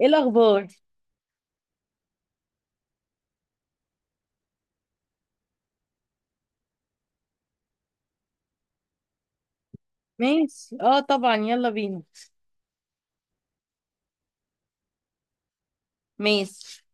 ايه الاخبار؟ ماشي، اه طبعا، يلا بينا. ماشي.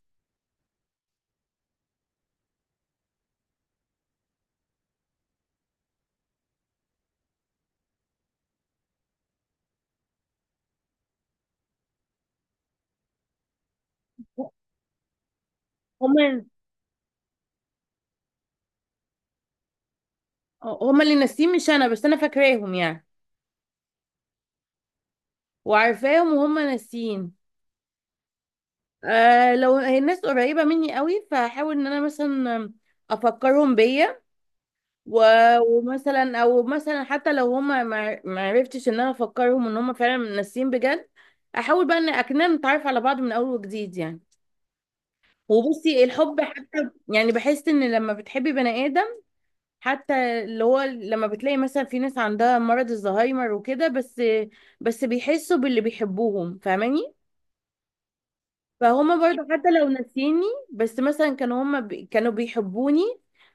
هما. هما اللي ناسيين مش انا، بس انا فاكراهم يعني، وعارفاهم وهما ناسيين. آه، لو هي الناس قريبة مني قوي فهحاول ان انا مثلا افكرهم بيا. ومثلا او مثلا حتى لو هما ما عرفتش، ان انا افكرهم ان هما فعلا ناسيين بجد. احاول بقى ان اكننا نتعرف على بعض من اول وجديد يعني. وبصي الحب حتى يعني بحس ان لما بتحبي بني ادم، حتى اللي هو لما بتلاقي مثلا في ناس عندها مرض الزهايمر وكده، بس بيحسوا باللي بيحبوهم، فاهماني؟ فهما برضو حتى لو ناسيني، بس مثلا كانوا هما بي كانوا بيحبوني،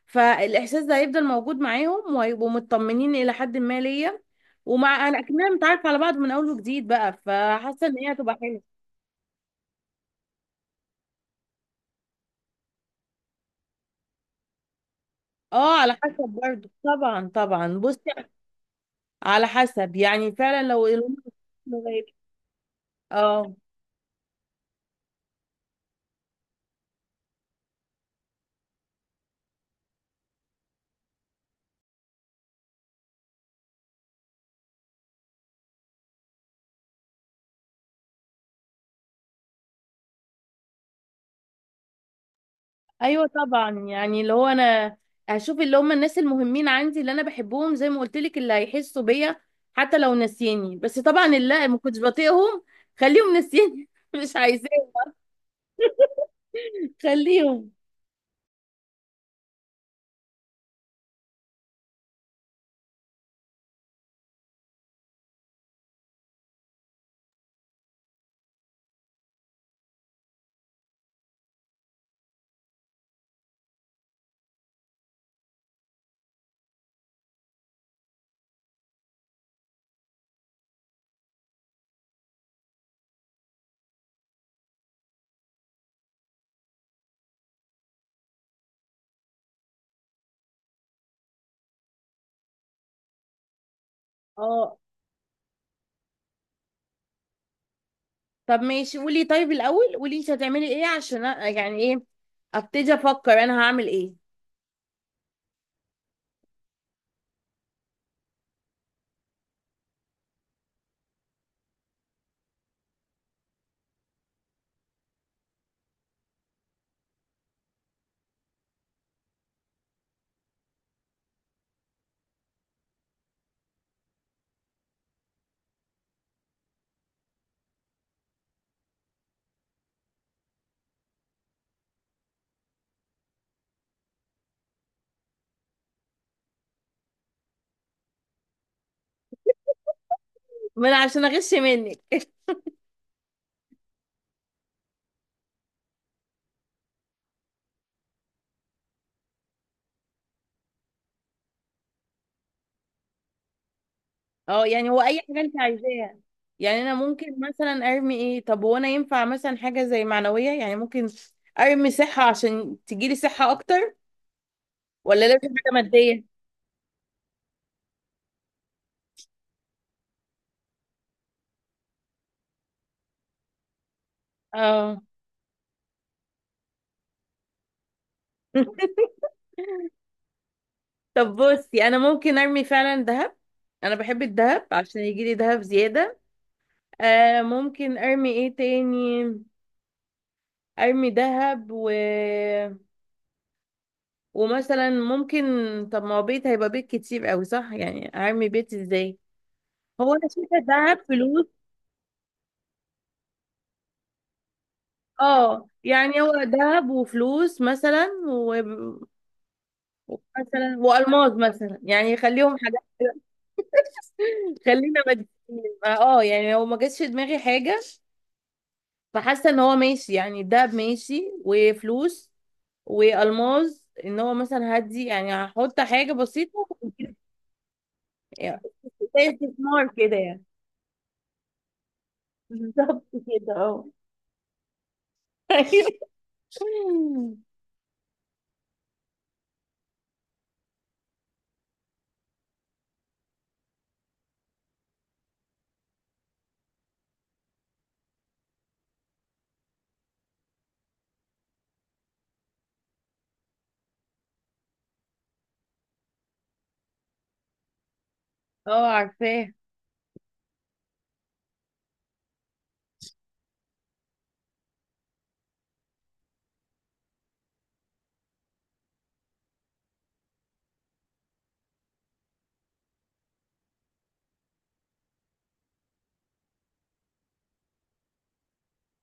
فالإحساس ده هيفضل موجود معاهم وهيبقوا مطمنين إلى حد ما ليا. ومع أنا أكننا متعارف على بعض من أول وجديد بقى، فحاسة إن هي هتبقى حلوة. اه، على حسب برضو، طبعا طبعا. بصي، على حسب يعني، فعلا لو الأم- اه. ايوه طبعا، يعني اللي هو انا هشوف اللي هم الناس المهمين عندي، اللي انا بحبهم، زي ما قلت لك، اللي هيحسوا بيا حتى لو ناسيني. بس طبعا اللي ما كنتش بطيقهم خليهم ناسيني مش عايزاه. خليهم. اه. طب ماشي، قولي، طيب الاول قولي انت هتعملي ايه عشان أ- يعني ايه ابتدي افكر انا هعمل ايه. ما انا عشان اغش منك. اه يعني هو اي حاجه انت عايزاها. يعني انا ممكن مثلا ارمي ايه؟ طب هو انا ينفع مثلا حاجه زي معنويه يعني؟ ممكن ارمي صحه عشان تجيلي صحه اكتر، ولا لازم حاجه ماديه؟ اه. طب بصي انا ممكن ارمي فعلا ذهب، انا بحب الذهب عشان يجيلي ذهب زياده. آه، ممكن ارمي ايه تاني؟ ارمي ذهب و... ومثلا ممكن، طب ما هو بيت هيبقى بيت كتير قوي صح؟ يعني ارمي بيت ازاي؟ هو انا شايفه الذهب فلوس. اه يعني هو ذهب وفلوس مثلا ومثلا والماس مثلا، يعني يخليهم حاجات. خلينا ماديين. اه يعني هو ما جاتش في دماغي حاجه، فحاسه ان هو ماشي يعني، الذهب ماشي وفلوس والماس. ان هو مثلا هدي يعني، هحط حاجه بسيطه يعني زي استثمار كده يعني بالظبط كده اه. اه عارفاه.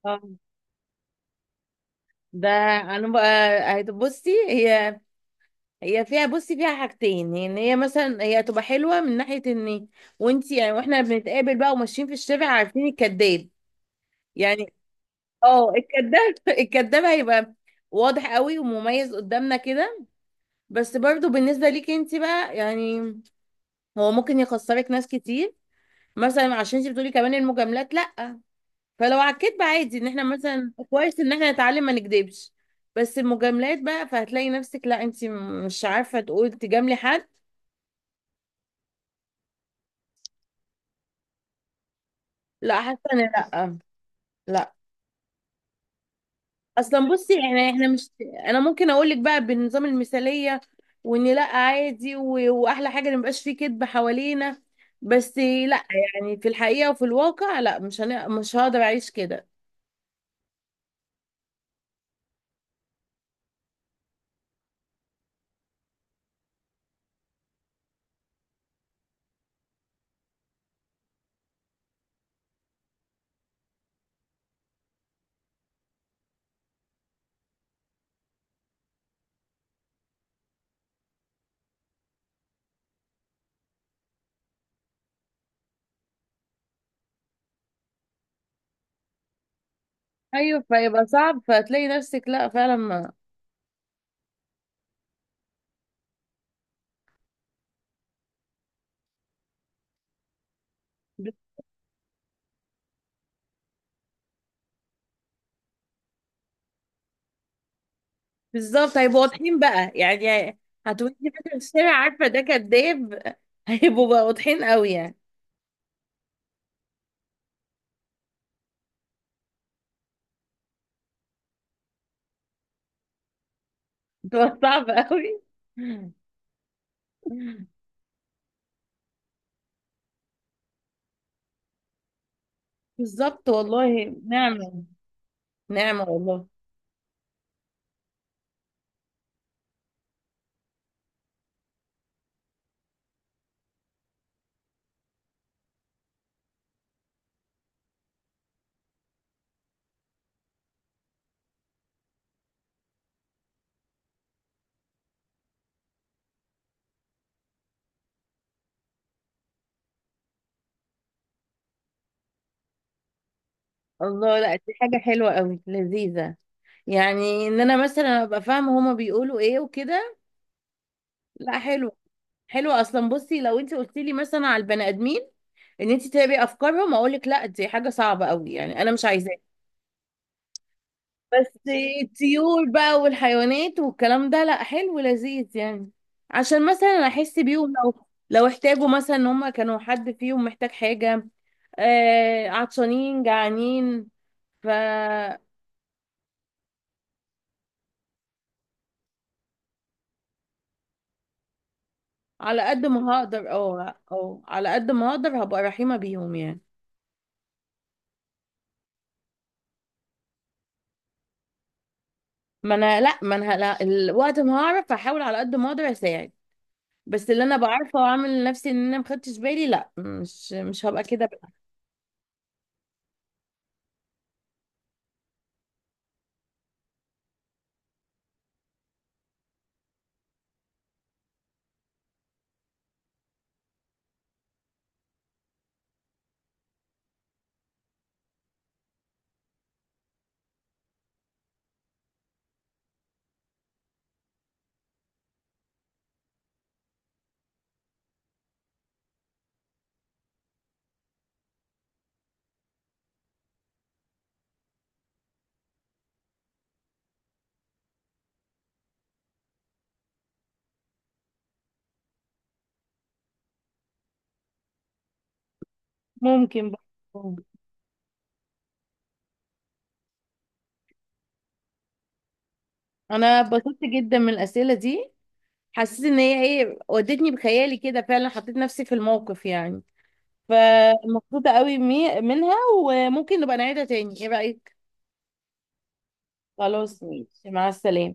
اه ده انا بقى، هتبصي هي، هي فيها، بصي فيها حاجتين، ان هي مثلا هي تبقى حلوه من ناحيه ان وانت يعني واحنا بنتقابل بقى وماشيين في الشارع عارفين الكذاب يعني. اه الكذاب الكذاب هيبقى واضح قوي ومميز قدامنا كده. بس برضو بالنسبه ليكي انت بقى يعني، هو ممكن يخسرك ناس كتير، مثلا عشان انت بتقولي كمان المجاملات لا. فلو على الكدب عادي، ان احنا مثلا كويس ان احنا نتعلم ما نكدبش، بس المجاملات بقى فهتلاقي نفسك لا انت مش عارفه تقول تجاملي حد. لا، حاسه ان لا. لا، اصلا بصي احنا مش، انا ممكن اقول لك بقى بالنظام المثاليه، وان لا عادي و... واحلى حاجه ان مبقاش فيه كذب حوالينا، بس لا. يعني في الحقيقه وفي الواقع لا، مش هن... مش هقدر اعيش كده. ايوه فيبقى صعب، فهتلاقي نفسك لا فعلا ما. بالظبط هيبقوا واضحين بقى يعني، هتقولي فاكره في الشارع عارفه ده كداب هيبقوا بقى واضحين قوي يعني. بتبقى صعب قوي بالظبط والله نعمه. نعمه والله. الله، لا دي حاجة حلوة قوي لذيذة. يعني ان انا مثلا ابقى فاهمة هما بيقولوا ايه وكده، لا حلو. حلو، اصلا بصي لو انت قلت لي مثلا على البني ادمين ان انت تتابعي افكارهم، اقول لك لا دي حاجة صعبة قوي يعني انا مش عايزاها، بس الطيور بقى والحيوانات والكلام ده لا حلو لذيذ يعني. عشان مثلا احس بيهم لو لو احتاجوا مثلا، ان هما كانوا حد فيهم محتاج حاجة، آه عطشانين جعانين. على قد ما هقدر اه اه، على قد ما هقدر هبقى رحيمة بيهم يعني. ما انا لا، ما انا لا الوقت ما هعرف، هحاول على قد ما اقدر اساعد، بس اللي انا بعرفه واعمل لنفسي ان انا ما خدتش بالي لا، مش مش هبقى كده بقى. ممكن بقى. انا اتبسطت جدا من الاسئله دي، حسيت ان هي ايه، ودتني بخيالي كده، فعلا حطيت نفسي في الموقف يعني، فمبسوطه قوي منها. وممكن نبقى نعيدها تاني، ايه رايك؟ خلاص ماشي، مع السلامه.